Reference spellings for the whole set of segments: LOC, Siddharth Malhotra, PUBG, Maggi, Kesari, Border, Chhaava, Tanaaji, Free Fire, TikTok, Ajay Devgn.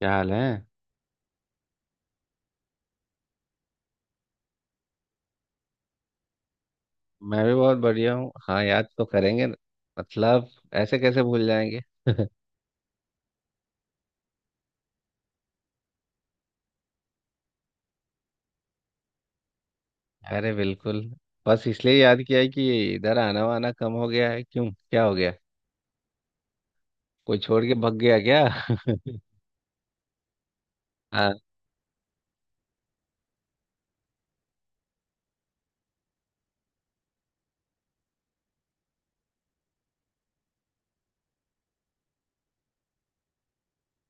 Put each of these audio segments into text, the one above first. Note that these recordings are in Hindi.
क्या हाल है। मैं भी बहुत बढ़िया हूँ। हाँ, याद तो करेंगे न। मतलब, ऐसे कैसे भूल जाएंगे। अरे बिल्कुल। बस इसलिए याद किया है कि इधर आना वाना कम हो गया है। क्यों, क्या हो गया? कोई छोड़ के भग गया क्या? हाँ।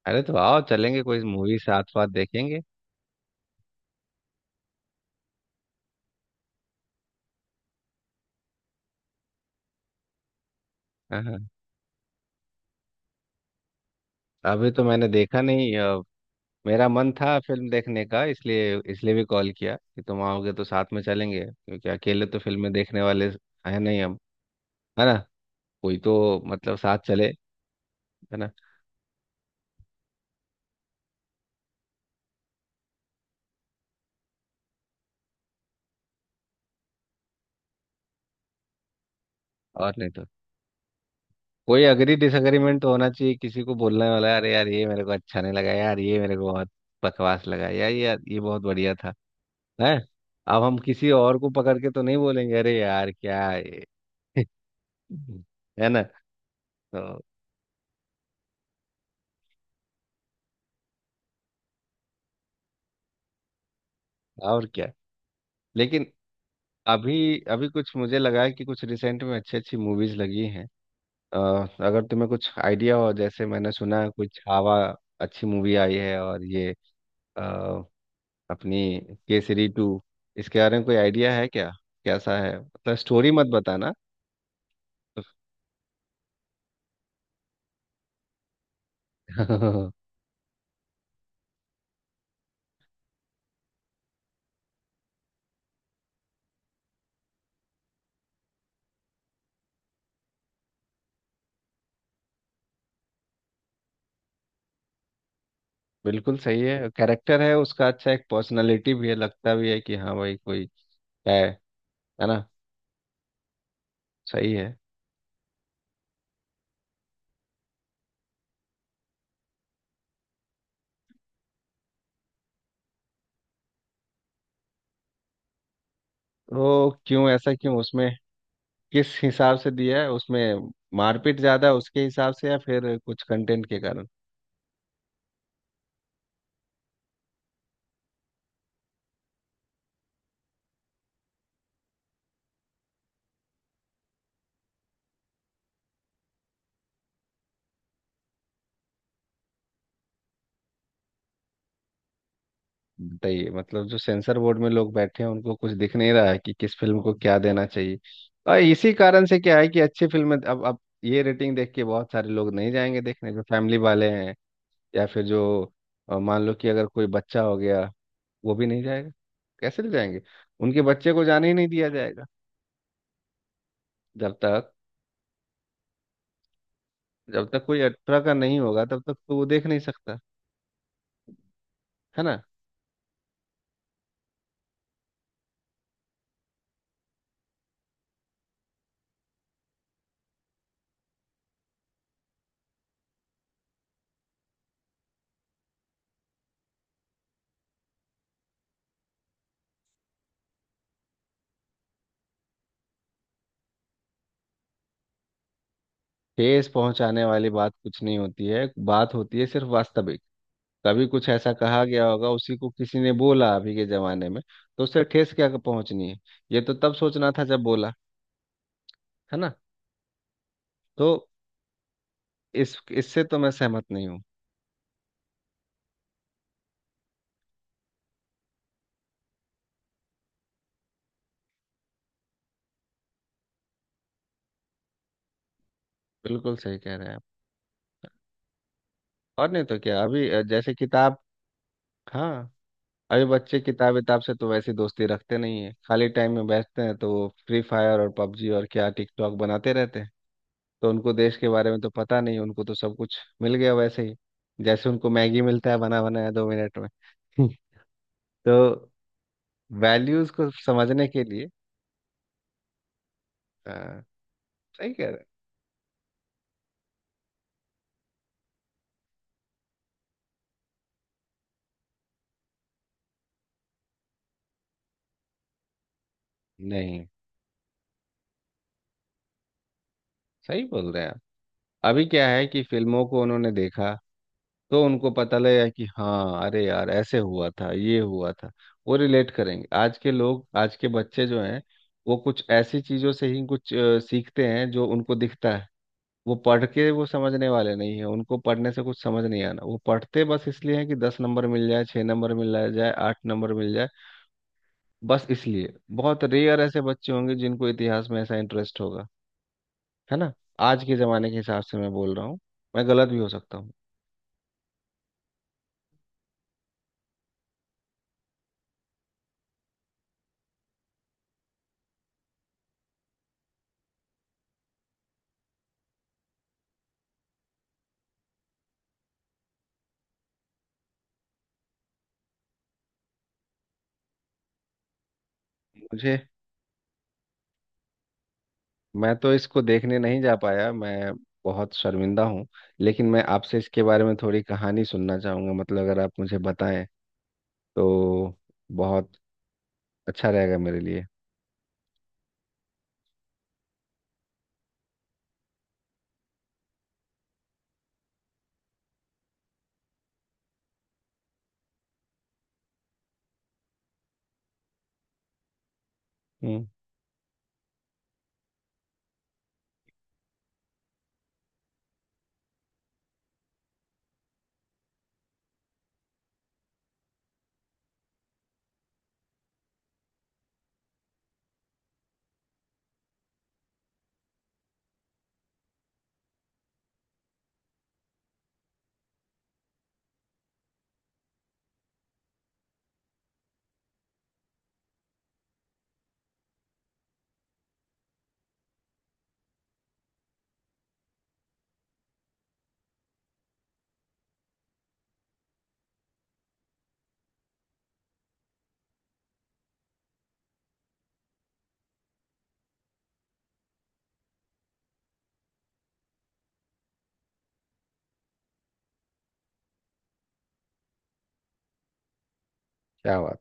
अरे तो आओ, चलेंगे कोई मूवी साथ साथ देखेंगे। हाँ हाँ। अभी तो मैंने देखा नहीं, मेरा मन था फिल्म देखने का, इसलिए इसलिए भी कॉल किया कि तुम आओगे तो साथ में चलेंगे, क्योंकि अकेले तो फिल्में देखने वाले है नहीं हम, है ना? कोई तो मतलब साथ चले, है ना? और नहीं तो कोई अग्री डिसएग्रीमेंट तो होना चाहिए, किसी को बोलने वाला, अरे यार ये मेरे को अच्छा नहीं लगा, यार ये मेरे को बहुत बकवास लगा, यार ये, यार ये बहुत बढ़िया था, है। अब हम किसी और को पकड़ के तो नहीं बोलेंगे, अरे यार क्या है। है ना? तो। और क्या। लेकिन अभी, अभी कुछ मुझे लगा है कि कुछ रिसेंट में अच्छी अच्छी मूवीज लगी हैं। अ, अगर तुम्हें कुछ आइडिया हो, जैसे मैंने सुना है कुछ छावा अच्छी मूवी आई है, और ये अपनी केसरी टू, इसके बारे में कोई आइडिया है क्या? कैसा है? मतलब स्टोरी मत बताना। बिल्कुल सही है, कैरेक्टर है उसका अच्छा, एक पर्सनालिटी भी है, लगता भी है कि हाँ भाई कोई है है ना? सही है। तो क्यों? ऐसा क्यों उसमें? किस हिसाब से दिया है? उसमें मारपीट ज्यादा है उसके हिसाब से, या फिर कुछ कंटेंट के कारण? बताइए, मतलब जो सेंसर बोर्ड में लोग बैठे हैं उनको कुछ दिख नहीं रहा है कि किस फिल्म को क्या देना चाहिए। और इसी कारण से क्या है कि अच्छी फिल्म, अब ये रेटिंग देख के बहुत सारे लोग नहीं जाएंगे देखने, जो फैमिली वाले हैं, या फिर जो मान लो कि अगर कोई बच्चा हो गया, वो भी नहीं जाएगा। कैसे ले जाएंगे? उनके बच्चे को जाने ही नहीं दिया जाएगा, जब तक जब तक कोई अठारह का नहीं होगा तब तक तो वो देख नहीं सकता, है ना? ठेस पहुंचाने वाली बात कुछ नहीं होती है। बात होती है सिर्फ वास्तविक। कभी कुछ ऐसा कहा गया होगा, उसी को किसी ने बोला अभी के जमाने में, तो उससे ठेस क्या पहुंचनी है? ये तो तब सोचना था जब बोला, है ना? तो इस इससे तो मैं सहमत नहीं हूँ। बिल्कुल सही कह रहे हैं आप। और नहीं तो क्या? अभी जैसे किताब। हाँ। अभी बच्चे किताब विताब से तो वैसी दोस्ती रखते नहीं है। खाली टाइम में बैठते हैं तो वो फ्री फायर और पबजी और क्या टिकटॉक बनाते रहते हैं। तो उनको देश के बारे में तो पता नहीं, उनको तो सब कुछ मिल गया वैसे ही, जैसे उनको मैगी मिलता है बना बनाया दो मिनट में। तो वैल्यूज को समझने के लिए आ, सही कह रहे हैं। नहीं, सही बोल रहे हैं आप। अभी क्या है कि फिल्मों को उन्होंने देखा, तो उनको पता लगा कि हाँ अरे यार ऐसे हुआ था, ये हुआ था। वो रिलेट करेंगे आज के लोग, आज के बच्चे जो हैं, वो कुछ ऐसी चीजों से ही कुछ सीखते हैं जो उनको दिखता है। वो पढ़ के वो समझने वाले नहीं है, उनको पढ़ने से कुछ समझ नहीं आना। वो पढ़ते बस इसलिए हैं कि 10 नंबर मिल जाए, 6 नंबर मिल जाए, 8 नंबर मिल जाए, बस इसलिए। बहुत रेयर ऐसे बच्चे होंगे जिनको इतिहास में ऐसा इंटरेस्ट होगा, है ना? आज के जमाने के हिसाब से मैं बोल रहा हूँ, मैं गलत भी हो सकता हूँ। मुझे मैं तो इसको देखने नहीं जा पाया। मैं बहुत शर्मिंदा हूँ। लेकिन मैं आपसे इसके बारे में थोड़ी कहानी सुनना चाहूंगा, मतलब अगर आप मुझे बताएं तो बहुत अच्छा रहेगा मेरे लिए। हम्म। क्या बात।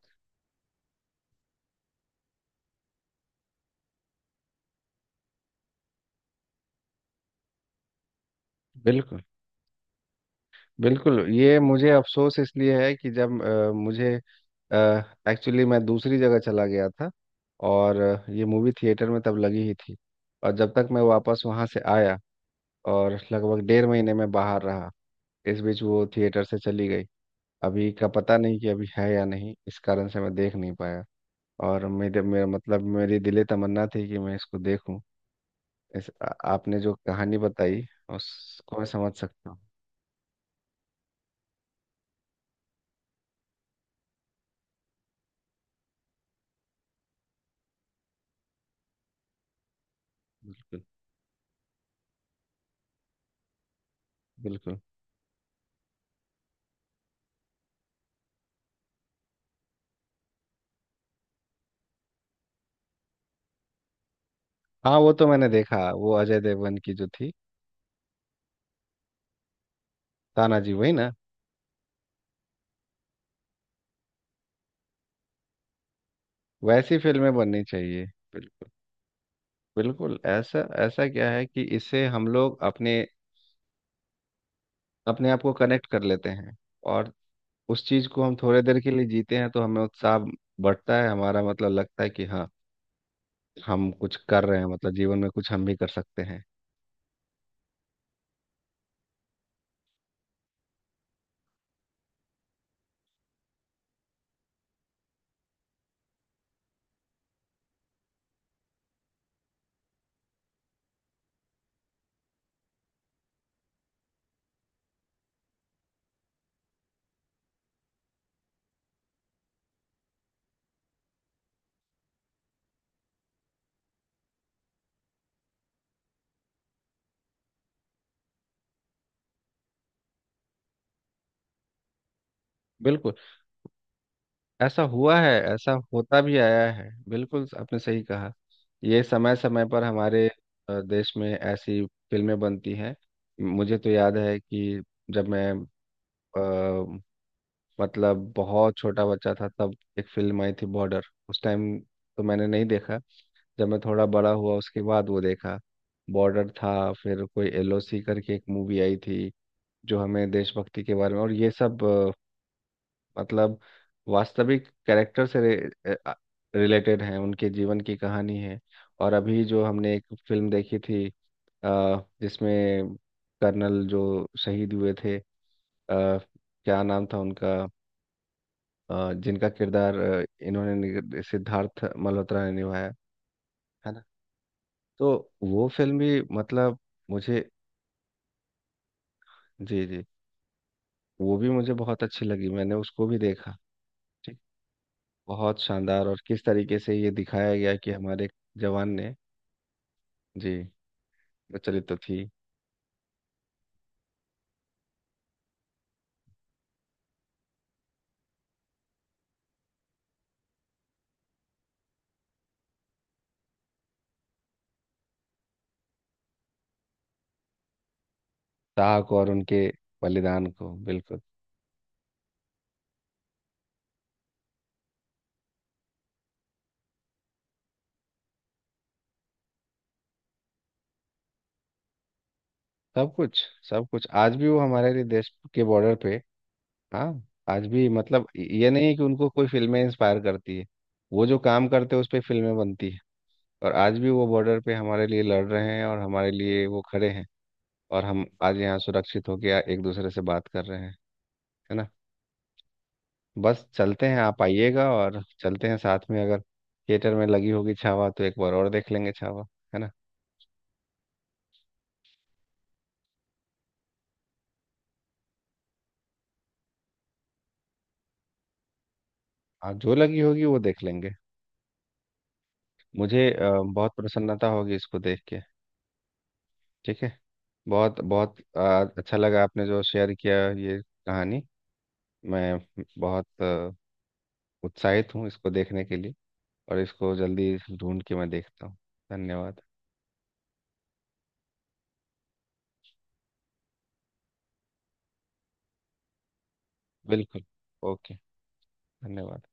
बिल्कुल बिल्कुल। ये मुझे अफसोस इसलिए है कि जब मुझे एक्चुअली मैं दूसरी जगह चला गया था, और ये मूवी थिएटर में तब लगी ही थी, और जब तक मैं वापस वहाँ से आया और लगभग डेढ़ महीने में बाहर रहा, इस बीच वो थिएटर से चली गई। अभी का पता नहीं कि अभी है या नहीं, इस कारण से मैं देख नहीं पाया। और मेरे मेरा मतलब मेरी दिले तमन्ना थी कि मैं इसको देखूं। आपने जो कहानी बताई, उसको मैं समझ सकता हूँ। बिल्कुल बिल्कुल। हाँ वो तो मैंने देखा, वो अजय देवगन की जो थी, तानाजी वही ना? वैसी फिल्में बननी चाहिए। बिल्कुल। बिल्कुल ऐसा ऐसा क्या है कि इससे हम लोग अपने अपने आप को कनेक्ट कर लेते हैं, और उस चीज को हम थोड़े देर के लिए जीते हैं, तो हमें उत्साह बढ़ता है हमारा, मतलब लगता है कि हाँ हम कुछ कर रहे हैं, मतलब जीवन में कुछ हम भी कर सकते हैं। बिल्कुल। ऐसा हुआ है, ऐसा होता भी आया है। बिल्कुल आपने सही कहा। ये समय समय पर हमारे देश में ऐसी फिल्में बनती हैं। मुझे तो याद है कि जब मैं अ, मतलब बहुत छोटा बच्चा था, तब एक फिल्म आई थी बॉर्डर। उस टाइम तो मैंने नहीं देखा, जब मैं थोड़ा बड़ा हुआ उसके बाद वो देखा। बॉर्डर था, फिर कोई एलओसी करके एक मूवी आई थी, जो हमें देशभक्ति के बारे में और ये सब, मतलब वास्तविक कैरेक्टर से रिलेटेड है, उनके जीवन की कहानी है। और अभी जो हमने एक फिल्म देखी थी, जिसमें कर्नल जो शहीद हुए थे, क्या नाम था उनका, जिनका किरदार इन्होंने, सिद्धार्थ मल्होत्रा ने निभाया, है ना? तो वो फिल्म भी मतलब मुझे, जी जी, वो भी मुझे बहुत अच्छी लगी, मैंने उसको भी देखा। ठीक। बहुत शानदार। और किस तरीके से ये दिखाया गया कि हमारे जवान ने। जी। प्रचलित तो थी। शाह को और उनके बलिदान को बिल्कुल। सब कुछ। सब कुछ आज भी वो हमारे लिए देश के बॉर्डर पे। हाँ, आज भी, मतलब ये नहीं है कि उनको कोई फिल्में इंस्पायर करती है, वो जो काम करते हैं उस पे फिल्में बनती है। और आज भी वो बॉर्डर पे हमारे लिए लड़ रहे हैं और हमारे लिए वो खड़े हैं, और हम आज यहाँ सुरक्षित होकर एक दूसरे से बात कर रहे हैं, है ना? बस चलते हैं, आप आइएगा और चलते हैं साथ में। अगर थिएटर में लगी होगी छावा तो एक बार और देख लेंगे छावा, है ना? आप जो लगी होगी वो देख लेंगे। मुझे बहुत प्रसन्नता होगी इसको देख के। ठीक है। बहुत बहुत अच्छा लगा आपने जो शेयर किया ये कहानी। मैं बहुत उत्साहित हूँ इसको देखने के लिए, और इसको जल्दी ढूंढ के मैं देखता हूँ। धन्यवाद। बिल्कुल। ओके। धन्यवाद।